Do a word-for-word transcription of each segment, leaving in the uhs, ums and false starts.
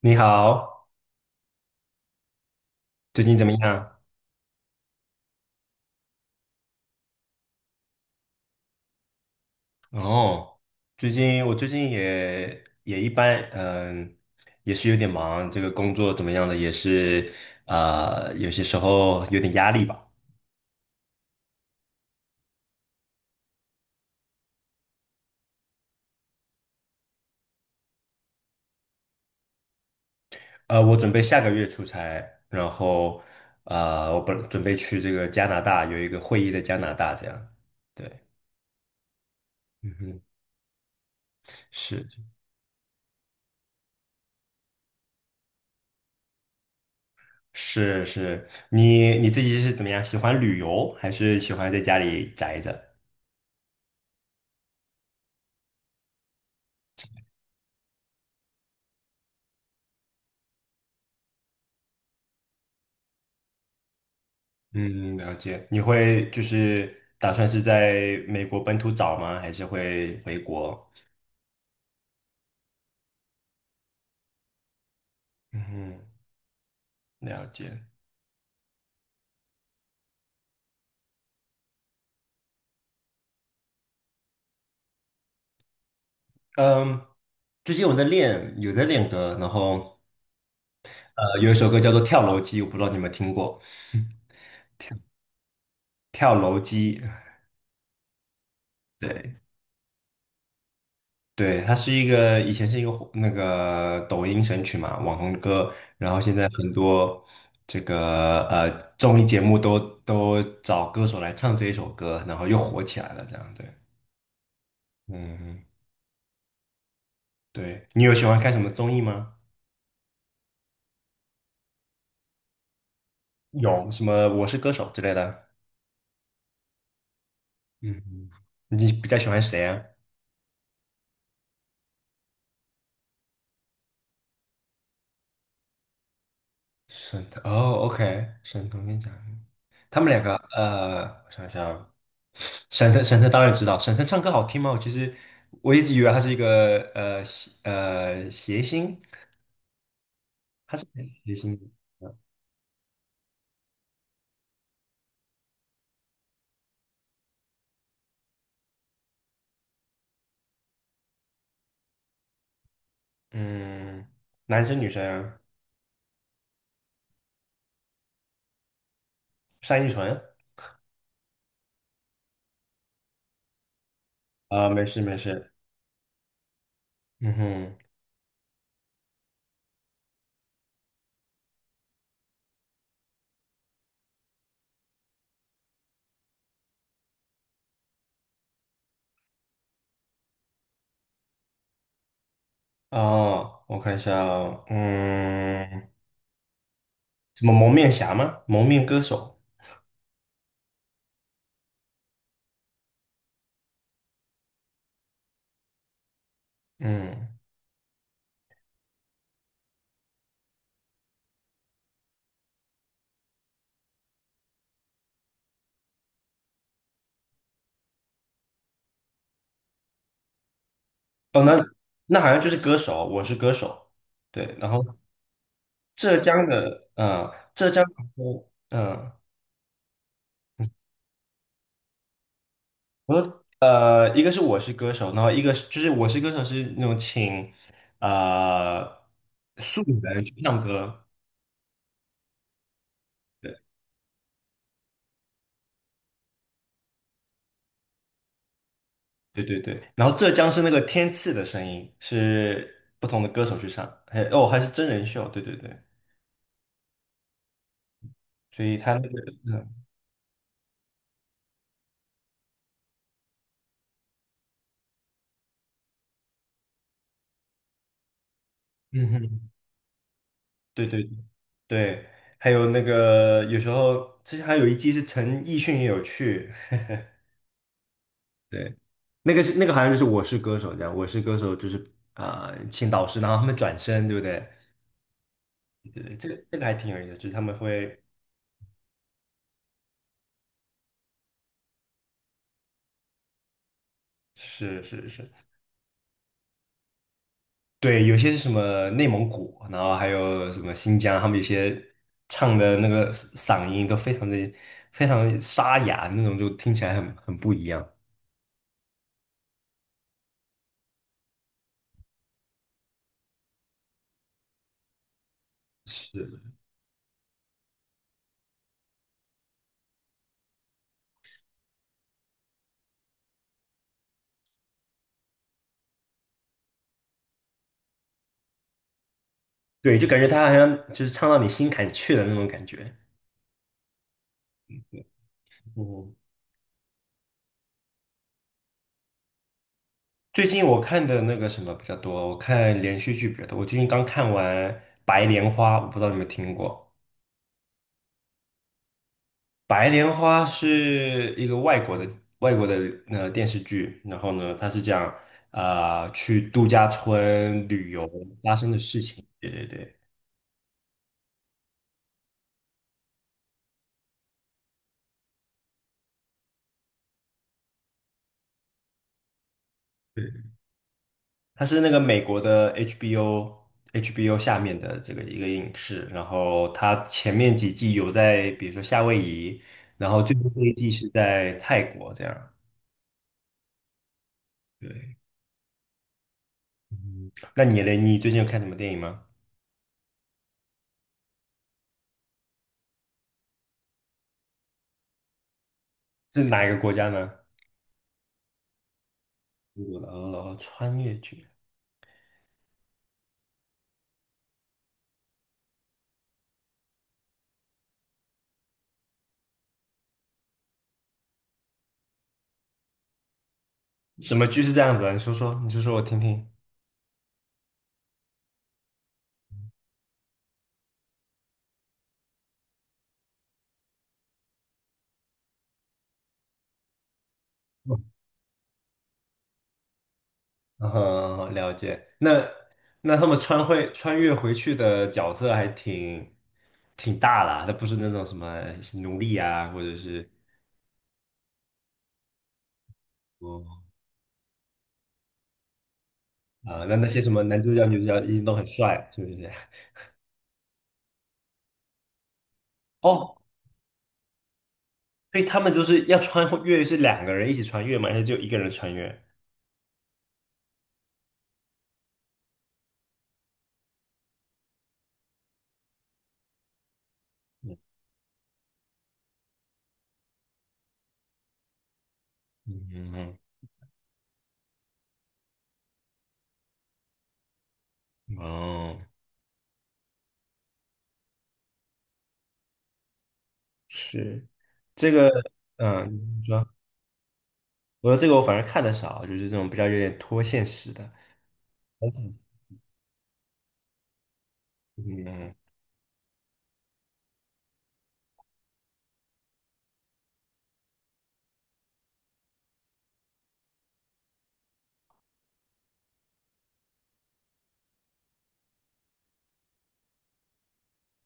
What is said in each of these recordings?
你好，最近怎么样？哦，最近我最近也也一般，嗯，也是有点忙，这个工作怎么样的也是，啊，有些时候有点压力吧。呃，我准备下个月出差，然后呃，我本准备去这个加拿大，有一个会议在加拿大，这样。对，嗯哼，是是是，你你自己是怎么样？喜欢旅游还是喜欢在家里宅着？嗯，了解。你会就是打算是在美国本土找吗？还是会回国？嗯，了解。嗯，最近我在练，有在练歌，然后呃，有一首歌叫做《跳楼机》，我不知道你有没有听过。跳楼机，对对，它是一个以前是一个火那个抖音神曲嘛，网红歌，然后现在很多这个呃综艺节目都都找歌手来唱这一首歌，然后又火起来了，这样对。嗯，对，你有喜欢看什么综艺吗？有什么《我是歌手》之类的？嗯，你比较喜欢谁啊？沈腾哦，OK，沈腾跟贾玲，他们两个，呃，我想想，沈腾，沈腾当然知道，沈腾唱歌好听吗？我其实，我一直以为他是一个呃谐呃谐星，他是谐星，嗯，男生女生啊，单依纯啊，没事没事，嗯哼，哦，我看一下哦嗯。什么蒙面侠吗？蒙面歌手，嗯，哦，那那好像就是歌手，我是歌手，对。然后浙江的，嗯、浙江的，嗯、我说呃，一个是我是歌手，然后一个是就是我是歌手是那种请呃素人去唱歌，对对对对。然后浙江是那个天赐的声音，是不同的歌手去唱，还哦还是真人秀，对对对，所以他那个嗯嗯哼，对对。对，还有那个有时候之前还有一季是陈奕迅也有去，对，那个是那个好像就是《我是歌手》这样，《我是歌手》就是啊、呃请导师，然后他们转身，对不对？对，这个这个还挺有意思，就是他们会是是是，对，有些是什么内蒙古，然后还有什么新疆，他们有些唱的那个嗓音都非常的非常沙哑，那种就听起来很很不一样。是，对，就感觉他好像就是唱到你心坎去了那种感觉。嗯。最近我看的那个什么比较多，我看连续剧比较多。我最近刚看完《白莲花》，我不知道你们听过。《白莲花》是一个外国的外国的呃电视剧，然后呢，它是讲啊、呃去度假村旅游发生的事情。对对对，它是那个美国的 H B O H B O 下面的这个一个影视，然后它前面几季有在比如说夏威夷，然后最后这一季是在泰国这样。对。嗯那你嘞？你最近有看什么电影吗？是哪一个国家呢？哦，穿越剧，什么剧是这样子的？你说说，你说说我听听。嗯哼，了解。那那他们穿会穿越回去的角色还挺挺大的那不是那种什么奴隶啊，或者是哦啊，那那些什么男主角、女主角一定都很帅，是不是？哦，所以他们就是要穿越，是两个人一起穿越嘛，还是就一个人穿越？嗯嗯嗯，哦。是这个，嗯，你说，我说这个我反而看的少，就是这种比较有点脱现实的。嗯，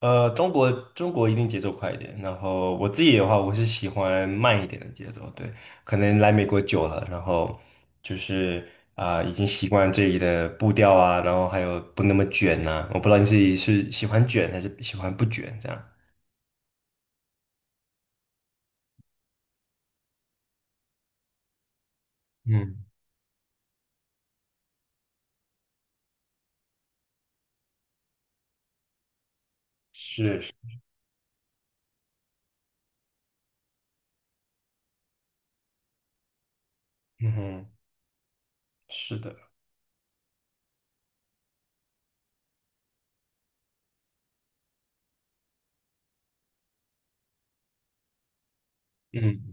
呃，中国中国一定节奏快一点，然后我自己的话，我是喜欢慢一点的节奏，对，可能来美国久了，然后就是啊、已经习惯这里的步调啊，然后还有不那么卷呐、我不知道你自己是喜欢卷还是喜欢不卷这样。嗯，是，是嗯哼，是的，嗯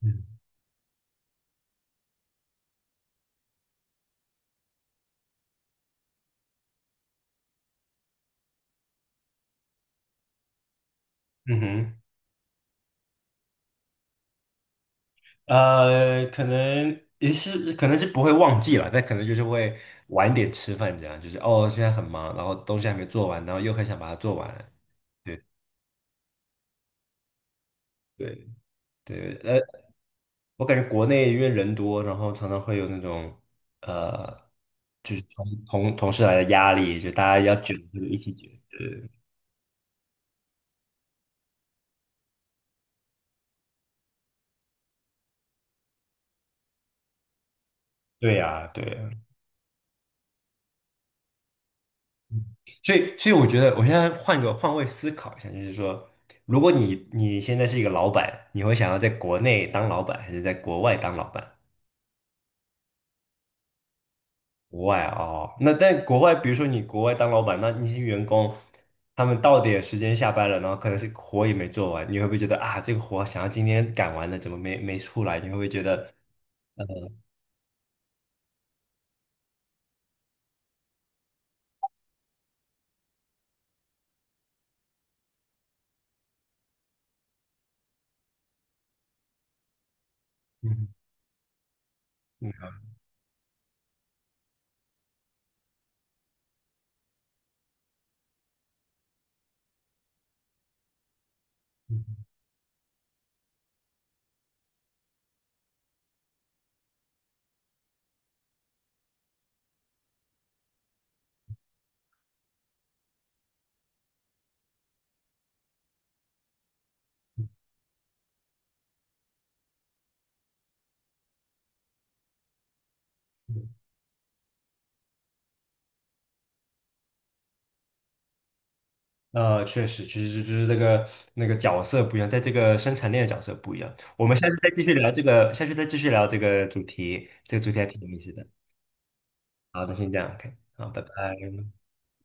嗯嗯哼。呃，可能也是，可能是不会忘记了，但可能就是会晚点吃饭，这样就是哦，现在很忙，然后东西还没做完，然后又很想把它做完。对对对，呃，我感觉国内因为人多，然后常常会有那种呃，就是同同同事来的压力，就大家要卷，就一起卷。对对呀，对呀。所以，所以我觉得我现在换个换位思考一下，就是说，如果你你现在是一个老板，你会想要在国内当老板，还是在国外当老板？国外哦，那但国外，比如说你国外当老板，那那些员工，他们到点时间下班了，然后可能是活也没做完，你会不会觉得啊，这个活想要今天赶完的，怎么没没出来？你会不会觉得，嗯嗯，呃，确实，其实就是那个那个角色不一样，在这个生产链的角色不一样。我们下次再继续聊这个，下次再继续聊这个主题，这个主题还挺有意思的。好，那先这样，OK，好，拜拜。